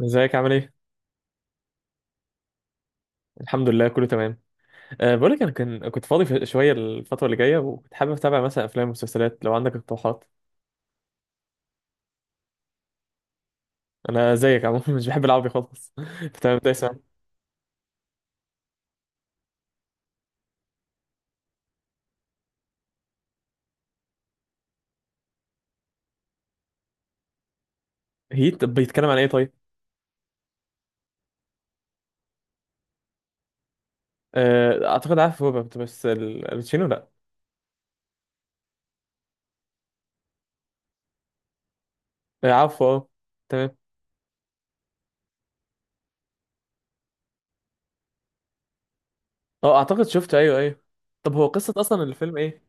ازيك عامل ايه؟ الحمد لله كله تمام. بقولك انا كان كنت فاضي شويه الفتره اللي جايه، وكنت حابب اتابع مثلا افلام ومسلسلات لو عندك اقتراحات. انا زيك عموما مش بحب العربي خالص. تمام، ده اسمع. هيت بيتكلم عن ايه طيب؟ أه اعتقد عارف روبرت، بس الباتشينو لا. أه، عارفه اه. تمام. اه اعتقد شفته، ايوه ايوه. طب هو قصه اصلا الفيلم ايه؟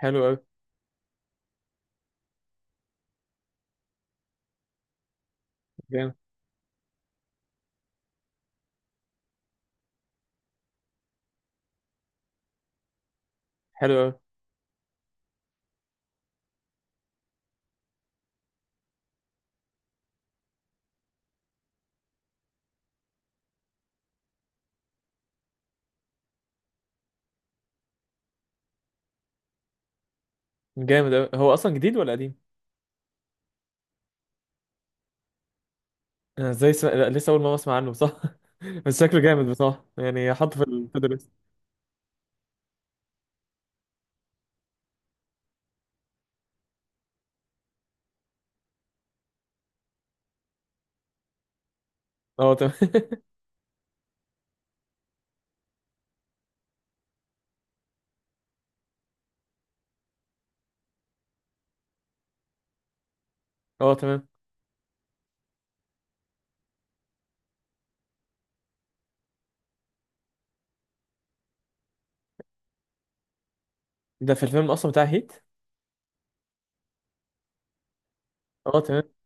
حلو قوي. جامد. حلو قوي. جامد قوي. هو اصلا جديد ولا قديم؟ انا ازاي لا، لسه اول ما اسمع عنه صح؟ بس شكله جامد بصراحه، يعني حطه في في الدرس. اه تمام. اه تمام. ده في الفيلم اصلا بتاع هيت. اه تمام.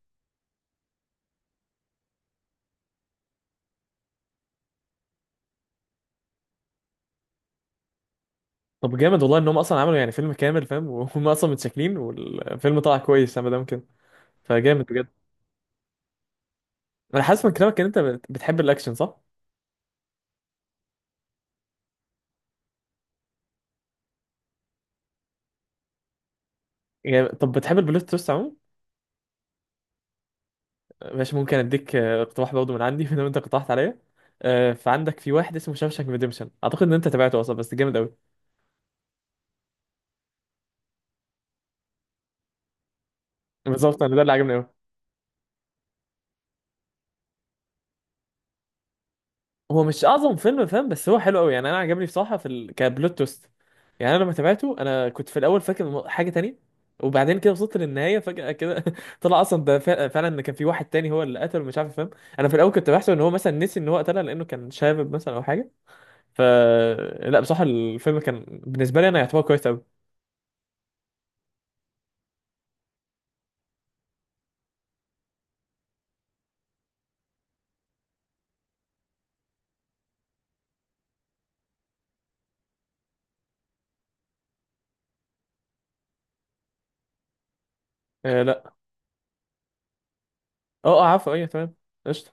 طب جامد والله ان هم اصلا عملوا يعني فيلم كامل فاهم، وهم اصلا متشكلين والفيلم طلع كويس ما دام كده، فجامد بجد. انا حاسس من كلامك ان انت بتحب الاكشن صح؟ يعني طب بتحب البلوت تويست عموما؟ ماشي، ممكن اديك اقتراح برضه من عندي ما دام انت اقترحت عليا. فعندك في واحد اسمه شاوشانك ريديمشن، اعتقد ان انت تابعته اصلا، بس جامد قوي. بالظبط، انا ده اللي عجبني قوي. هو مش اعظم فيلم فاهم، بس هو حلو قوي يعني، انا عجبني بصراحه في كبلوت تويست. يعني انا لما تابعته، انا كنت في الاول فاكر حاجه تانية، وبعدين كده وصلت للنهايه فجاه كده طلع اصلا ده فعلا ان كان في واحد تاني هو اللي قتله، مش عارف فاهم. انا في الاول كنت بحسب ان هو مثلا نسي ان هو قتلها لانه كان شاب مثلا او حاجه. ف لا بصراحه الفيلم كان بالنسبه لي انا يعتبر كويس قوي. آه لا. اه اه، عارفه ايوه. تمام. قشطه.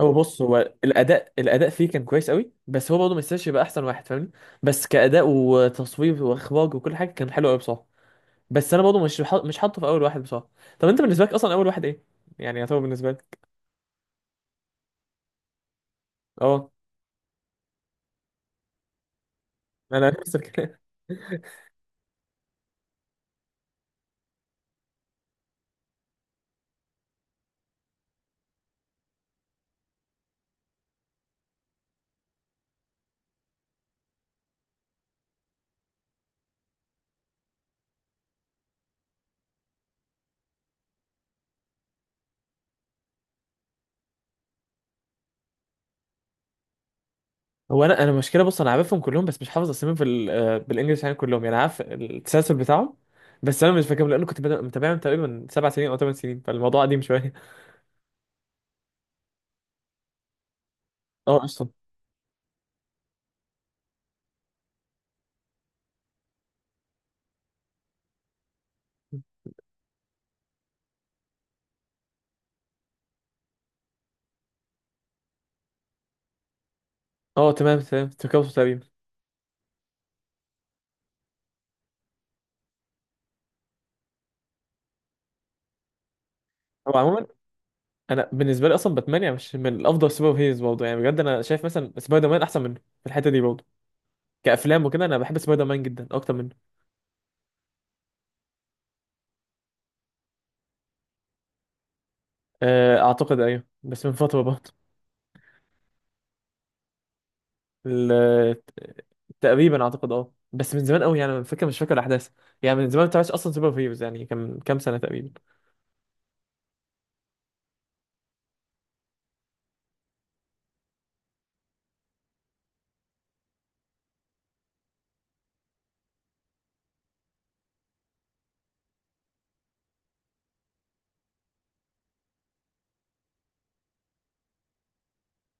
هو بص، هو الاداء فيه كان كويس قوي، بس هو برضه ما يستاهلش يبقى احسن واحد فاهمني. بس كاداء وتصوير واخراج وكل حاجه كان حلو قوي بصراحه. بس انا برضه مش حاطه في اول واحد بصراحه. طب انت بالنسبه لك اصلا اول واحد ايه، يعني يعتبر بالنسبه لك. اه. انا نفس الكلام. هو انا المشكله بص، انا عارفهم كلهم بس مش حافظ اساميهم في بالانجلش يعني، كلهم يعني عارف التسلسل بتاعهم. بس انا مش فاكرهم لانه كنت متابعهم تقريبا 7 سنين او 8 سنين، فالموضوع قديم شويه. اه قشطه. اه تمام تمام، تركبوا تقريبا. هو عموما، انا بالنسبه لي اصلا باتمان يعني مش من الافضل سوبر هيروز برضه يعني، بجد انا شايف مثلا سبايدر مان احسن منه في الحته دي برضه. كافلام وكده انا بحب سبايدر مان جدا اكتر منه. آه، اعتقد ايوه بس من فتره برضه. ال- تقريبا اعتقد بس من زمان قوي يعني، أنا فاكر مش فاكر الاحداث. يعني من زمان ما بتابعش اصلا سوبر هيروز، يعني كان كام سنه تقريبا.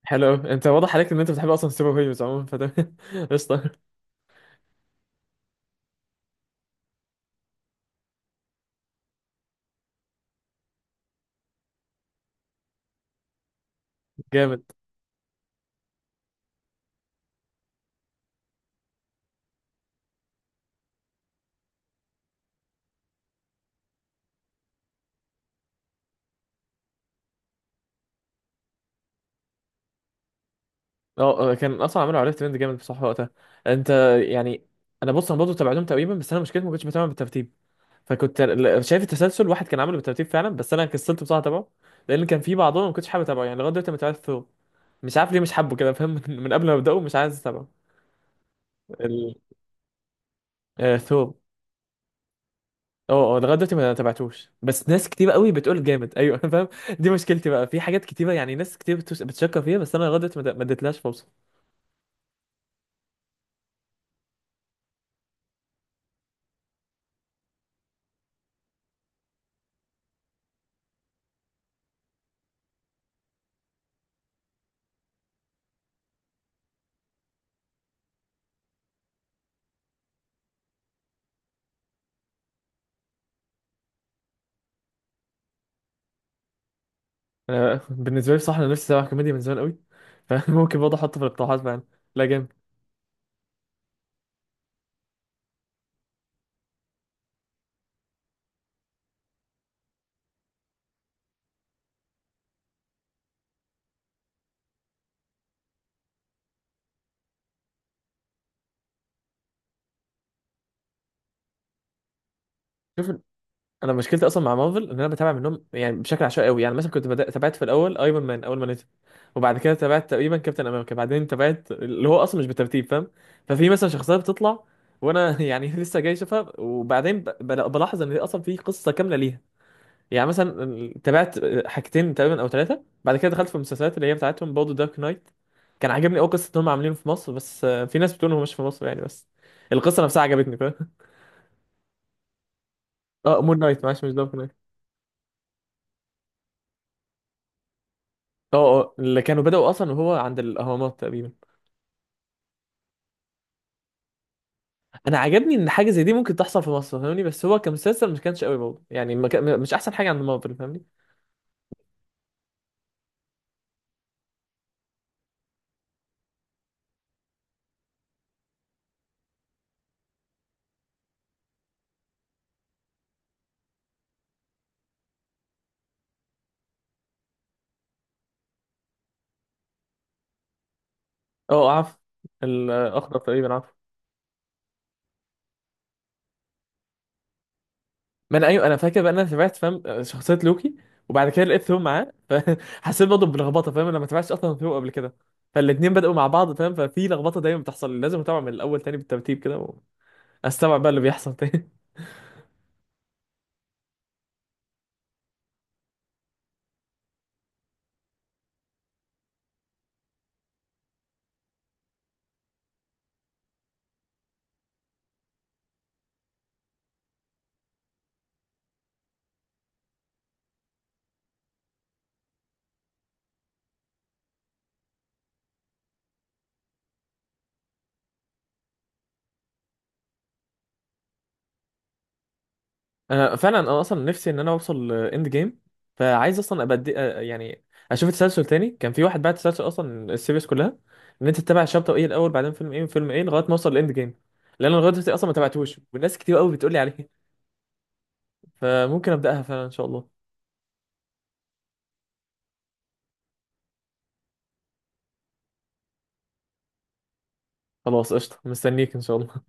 حلو قوي، انت واضح عليك ان انت بتحب اصلا سوبر هيروز عموما فده قشطه. جامد. اه آه، كان اصلا عملوا عليه ترند جامد بصراحه وقتها. انت، يعني انا بص، انا برضه تابعتهم تقريبا، بس انا مشكلتي ما كنتش بتابع بالترتيب. فكنت شايف التسلسل واحد كان عامله بالترتيب فعلا، بس انا كسلت بصراحه اتابعه، لان كان في بعضهم ما كنتش حابب اتابعه. يعني لغايه دلوقتي ما تابعت ثور، مش عارف ليه مش حابه كده فاهم من قبل ما ابداه مش عايز اتابعه. ال... آه ثور. اه اه لغايه دلوقتي ما تابعتوش، بس ناس كتير قوي بتقول جامد ايوه انا فاهم. دي مشكلتي بقى في حاجات كتيره، يعني ناس كتير بتشكر فيها، بس انا لغايه دلوقتي ما اديتلهاش فرصه. انا بالنسبه لي بصراحه انا نفسي اتابع كوميديا من زمان قوي، فممكن برضه احطه في الاقتراحات فعلا. لا جامد. شوف، انا مشكلتي اصلا مع مارفل ان انا بتابع منهم يعني بشكل عشوائي قوي، يعني مثلا كنت تابعت في الاول ايرون مان اول ما نزل، وبعد كده تابعت تقريبا كابتن امريكا، بعدين تابعت اللي هو اصلا مش بالترتيب فاهم. ففي مثلا شخصيه بتطلع وانا يعني لسه جاي اشوفها، وبعدين بلاحظ ان اصلا في قصه كامله ليها. يعني مثلا تابعت حاجتين تقريبا او ثلاثه، بعد كده دخلت في المسلسلات اللي هي بتاعتهم برضه. دارك نايت كان عاجبني قوي، قصه ان هم عاملينه في مصر، بس في ناس بتقول إن هو مش في مصر يعني، بس القصه نفسها عجبتني فاهم. اه مون نايت، معلش مش دارك نايت. اه اه اللي كانوا بدأوا اصلا وهو عند الاهرامات تقريبا. انا عجبني ان حاجه زي دي ممكن تحصل في مصر فاهمني، بس هو كمسلسل ما كانش قوي برضه، يعني ما كان مش احسن حاجه عند مارفل فاهمني. اه عارف. الاخضر تقريبا عارف. ما انا ايوه، انا فاكر بقى إن انا تابعت فاهم شخصيه لوكي، وبعد كده لقيت ثور معاه فحسيت برضه بلخبطه فاهم، انا ما تابعتش اصلا ثور قبل كده. فالاتنين بدأوا مع بعض فاهم، ففي لخبطه دايما بتحصل، لازم اتابع من الاول تاني بالترتيب كده، واستوعب بقى اللي بيحصل تاني. انا فعلا انا اصلا نفسي ان انا اوصل اند جيم، فعايز اصلا ابقى يعني اشوف التسلسل تاني. كان في واحد بعت تسلسل اصلا السيريز كلها، ان انت تتابع الشابتر ايه الاول، بعدين فيلم ايه وفيلم ايه لغايه ما اوصل لاند جيم، لان انا لغايه دلوقتي اصلا ما تابعتوش والناس كتير قوي بتقول لي عليه فممكن ابداها فعلا ان شاء الله. خلاص قشطه، مستنيك ان شاء الله.